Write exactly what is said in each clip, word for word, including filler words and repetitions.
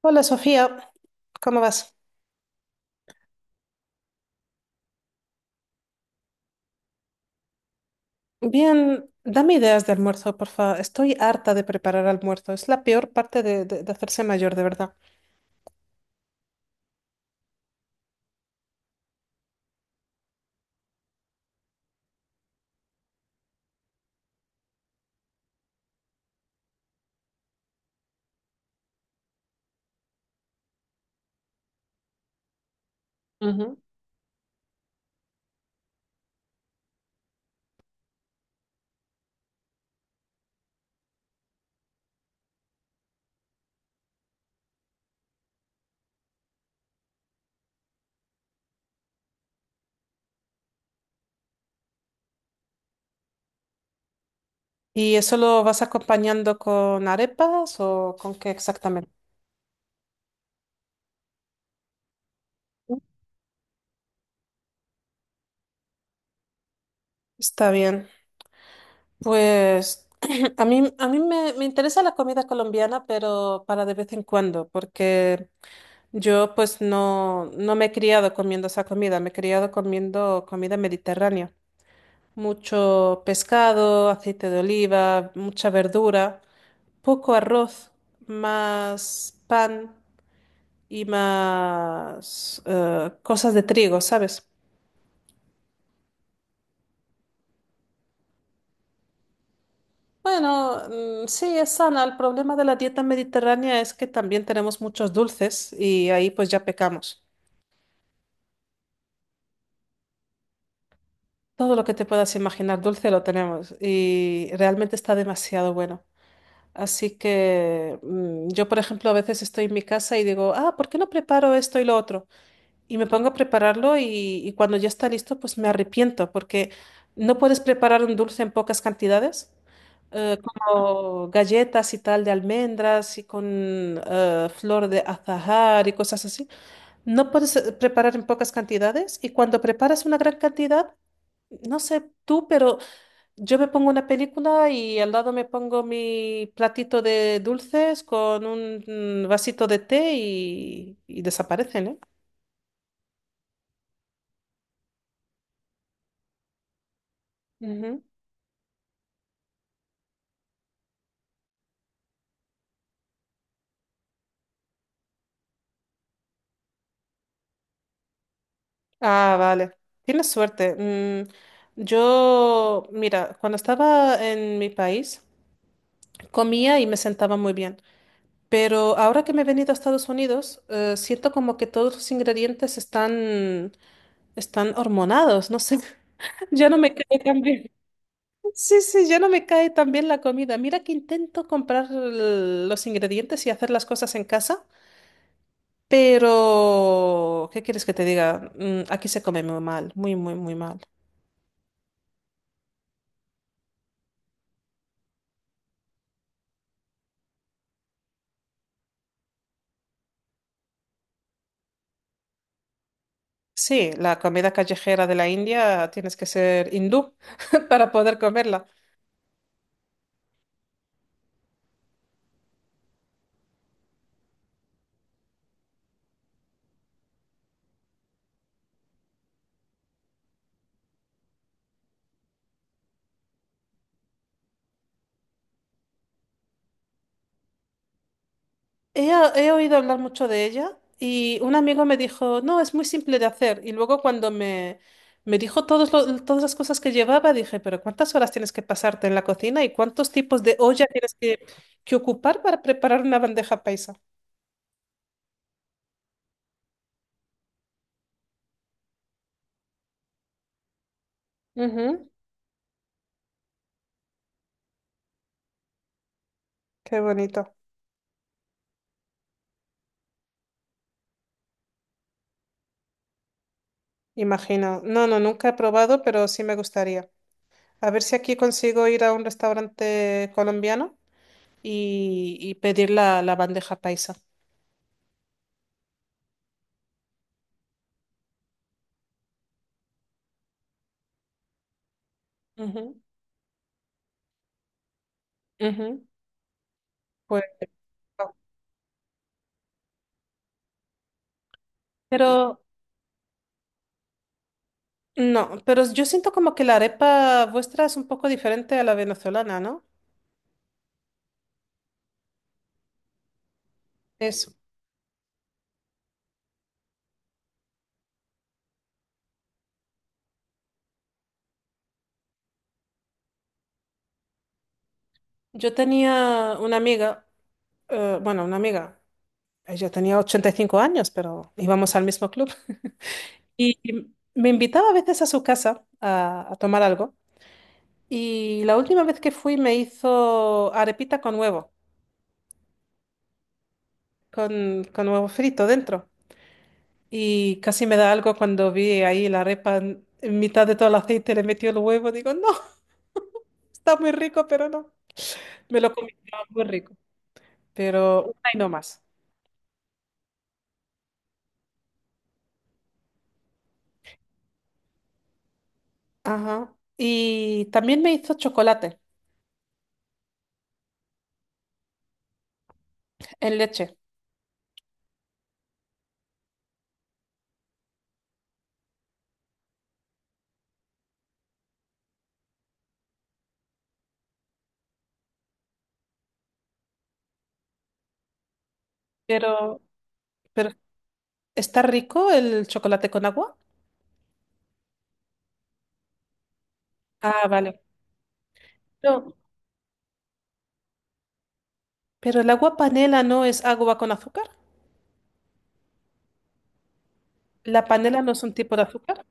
Hola Sofía, ¿cómo vas? Bien, dame ideas de almuerzo, porfa. Estoy harta de preparar almuerzo. Es la peor parte de, de- de hacerse mayor, de verdad. Ujú. ¿Y eso lo vas acompañando con arepas o con qué exactamente? Está bien. Pues a mí, a mí me, me interesa la comida colombiana, pero para de vez en cuando, porque yo pues no, no me he criado comiendo esa comida, me he criado comiendo comida mediterránea. Mucho pescado, aceite de oliva, mucha verdura, poco arroz, más pan y más eh, cosas de trigo, ¿sabes? Bueno, mm, sí, es sana. El problema de la dieta mediterránea es que también tenemos muchos dulces y ahí pues ya pecamos. Todo lo que te puedas imaginar dulce lo tenemos y realmente está demasiado bueno. Así que mm, yo, por ejemplo, a veces estoy en mi casa y digo, ah, ¿por qué no preparo esto y lo otro? Y me pongo a prepararlo y, y cuando ya está listo, pues me arrepiento porque no puedes preparar un dulce en pocas cantidades, eh, como galletas y tal de almendras y con eh, flor de azahar y cosas así. No puedes eh, preparar en pocas cantidades y cuando preparas una gran cantidad, no sé tú, pero yo me pongo una película y al lado me pongo mi platito de dulces con un mm, vasito de té y, y desaparecen, ¿eh? Ujú. Ah, vale. Tienes suerte. Mm, yo, mira, cuando estaba en mi país, comía y me sentaba muy bien. Pero ahora que me he venido a Estados Unidos, eh, siento como que todos los ingredientes están, están hormonados. No sé, ya no me cae tan bien. Sí, sí, ya no me cae tan bien la comida. Mira que intento comprar l- los ingredientes y hacer las cosas en casa, pero ¿qué quieres que te diga? Mm, aquí se come muy mal, muy, muy, muy mal. Sí, la comida callejera de la India tienes que ser hindú para poder comerla. He, he oído hablar mucho de ella y un amigo me dijo, no, es muy simple de hacer. Y luego cuando me, me dijo todos lo- todas las cosas que llevaba, dije, pero ¿cuántas horas tienes que pasarte en la cocina y cuántos tipos de olla tienes que, que ocupar para preparar una bandeja paisa? Ujú. Qué bonito, imagino. No, no, nunca he probado, pero sí me gustaría. A ver si aquí consigo ir a un restaurante colombiano y, y pedir la, la bandeja paisa. Ujú, ujú. Pues, no. Pero No, pero yo siento como que la arepa vuestra es un poco diferente a la venezolana, ¿no? Eso. Yo tenía una amiga, eh, bueno, una amiga, ella tenía ochenta y cinco años, pero íbamos al mismo club. Y me invitaba a veces a su casa a, a tomar algo. Y la última vez que fui me hizo arepita con huevo, con, con huevo frito dentro. Y casi me da algo cuando vi ahí la arepa en en mitad de todo el aceite, le metió el huevo. Digo, no, está muy rico, pero no. Me lo comí, estaba muy rico. Pero una y no más. Ajá. Y también me hizo chocolate en leche. Pero, pero ¿está rico el chocolate con agua? Ah, vale. No, pero el agua panela no es agua con azúcar. La panela no es un tipo de azúcar.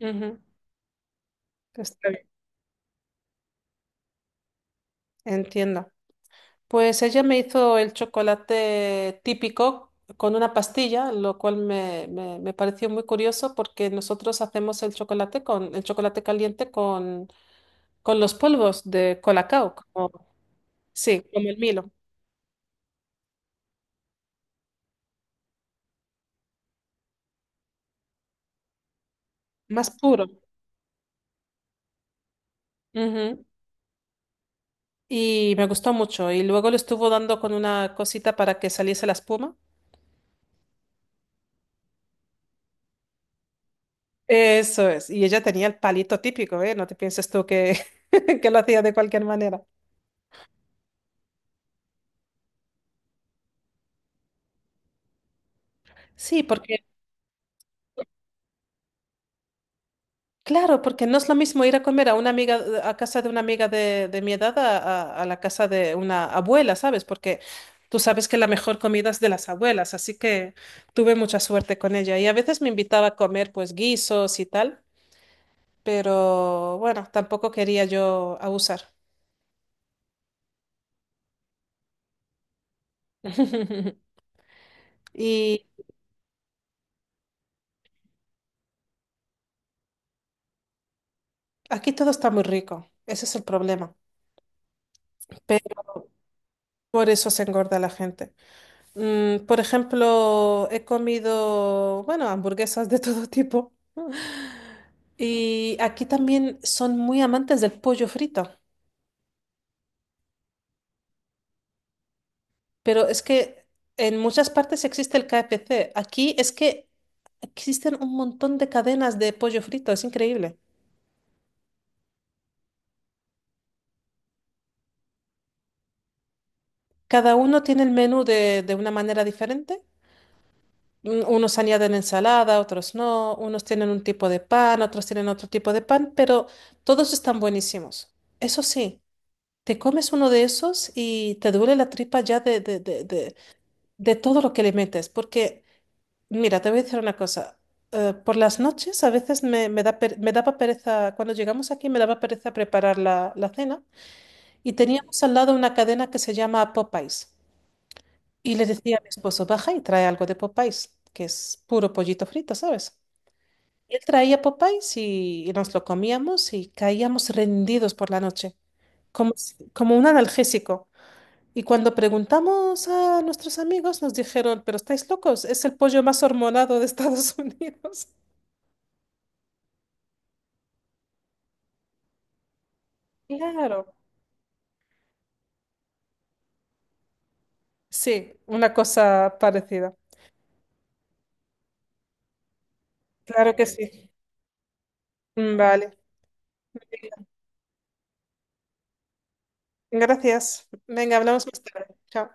Ujú. Está bien. Entiendo. Pues ella me hizo el chocolate típico con una pastilla, lo cual me, me- me pareció muy curioso porque nosotros hacemos el chocolate con el chocolate caliente con, con los polvos de Colacao, como, sí, como el Milo, más puro. Ujú. Y me gustó mucho. Y luego le estuvo dando con una cosita para que saliese la espuma. Eso es. Y ella tenía el palito típico, ¿eh? No te pienses tú que, que lo hacía de cualquier manera. Sí, porque claro, porque no es lo mismo ir a comer a una amiga, eh, a casa de una amiga de, de mi edad a, a- a la casa de una abuela, ¿sabes? Porque tú sabes que la mejor comida es de las abuelas, así que tuve mucha suerte con ella. Y a veces me invitaba a comer pues guisos y tal, pero bueno, tampoco quería yo abusar. Y aquí todo está muy rico, ese es el problema. Pero por eso se engorda la gente. Mm, por ejemplo, he comido, bueno, hamburguesas de todo tipo. Y aquí también son muy amantes del pollo frito, pero es que en muchas partes existe el K F C. Aquí es que existen un montón de cadenas de pollo frito, es increíble. Cada uno tiene el menú de, de una manera diferente. Un- Unos añaden ensalada, otros no, unos tienen un tipo de pan, otros tienen otro tipo de pan, pero todos están buenísimos. Eso sí, te comes uno de esos y te duele la tripa ya de, de, de, de de todo lo que le metes, porque... Mira, te voy a decir una cosa. Eh, por las noches a veces me, me da per- me daba pereza, cuando llegamos aquí me daba pereza preparar la, la cena y teníamos al lado una cadena que se llama Popeyes. Y le decía a mi esposo, baja y trae algo de Popeyes, que es puro pollito frito, ¿sabes? Y él traía Popeyes y, y nos lo comíamos y caíamos rendidos por la noche, como, si- como un analgésico. Y cuando preguntamos a nuestros amigos nos dijeron, pero estáis locos, es el pollo más hormonado de Estados Unidos. Claro, sí, una cosa parecida. Claro que sí. Vale. Venga, gracias. Venga, hablamos más tarde. Chao.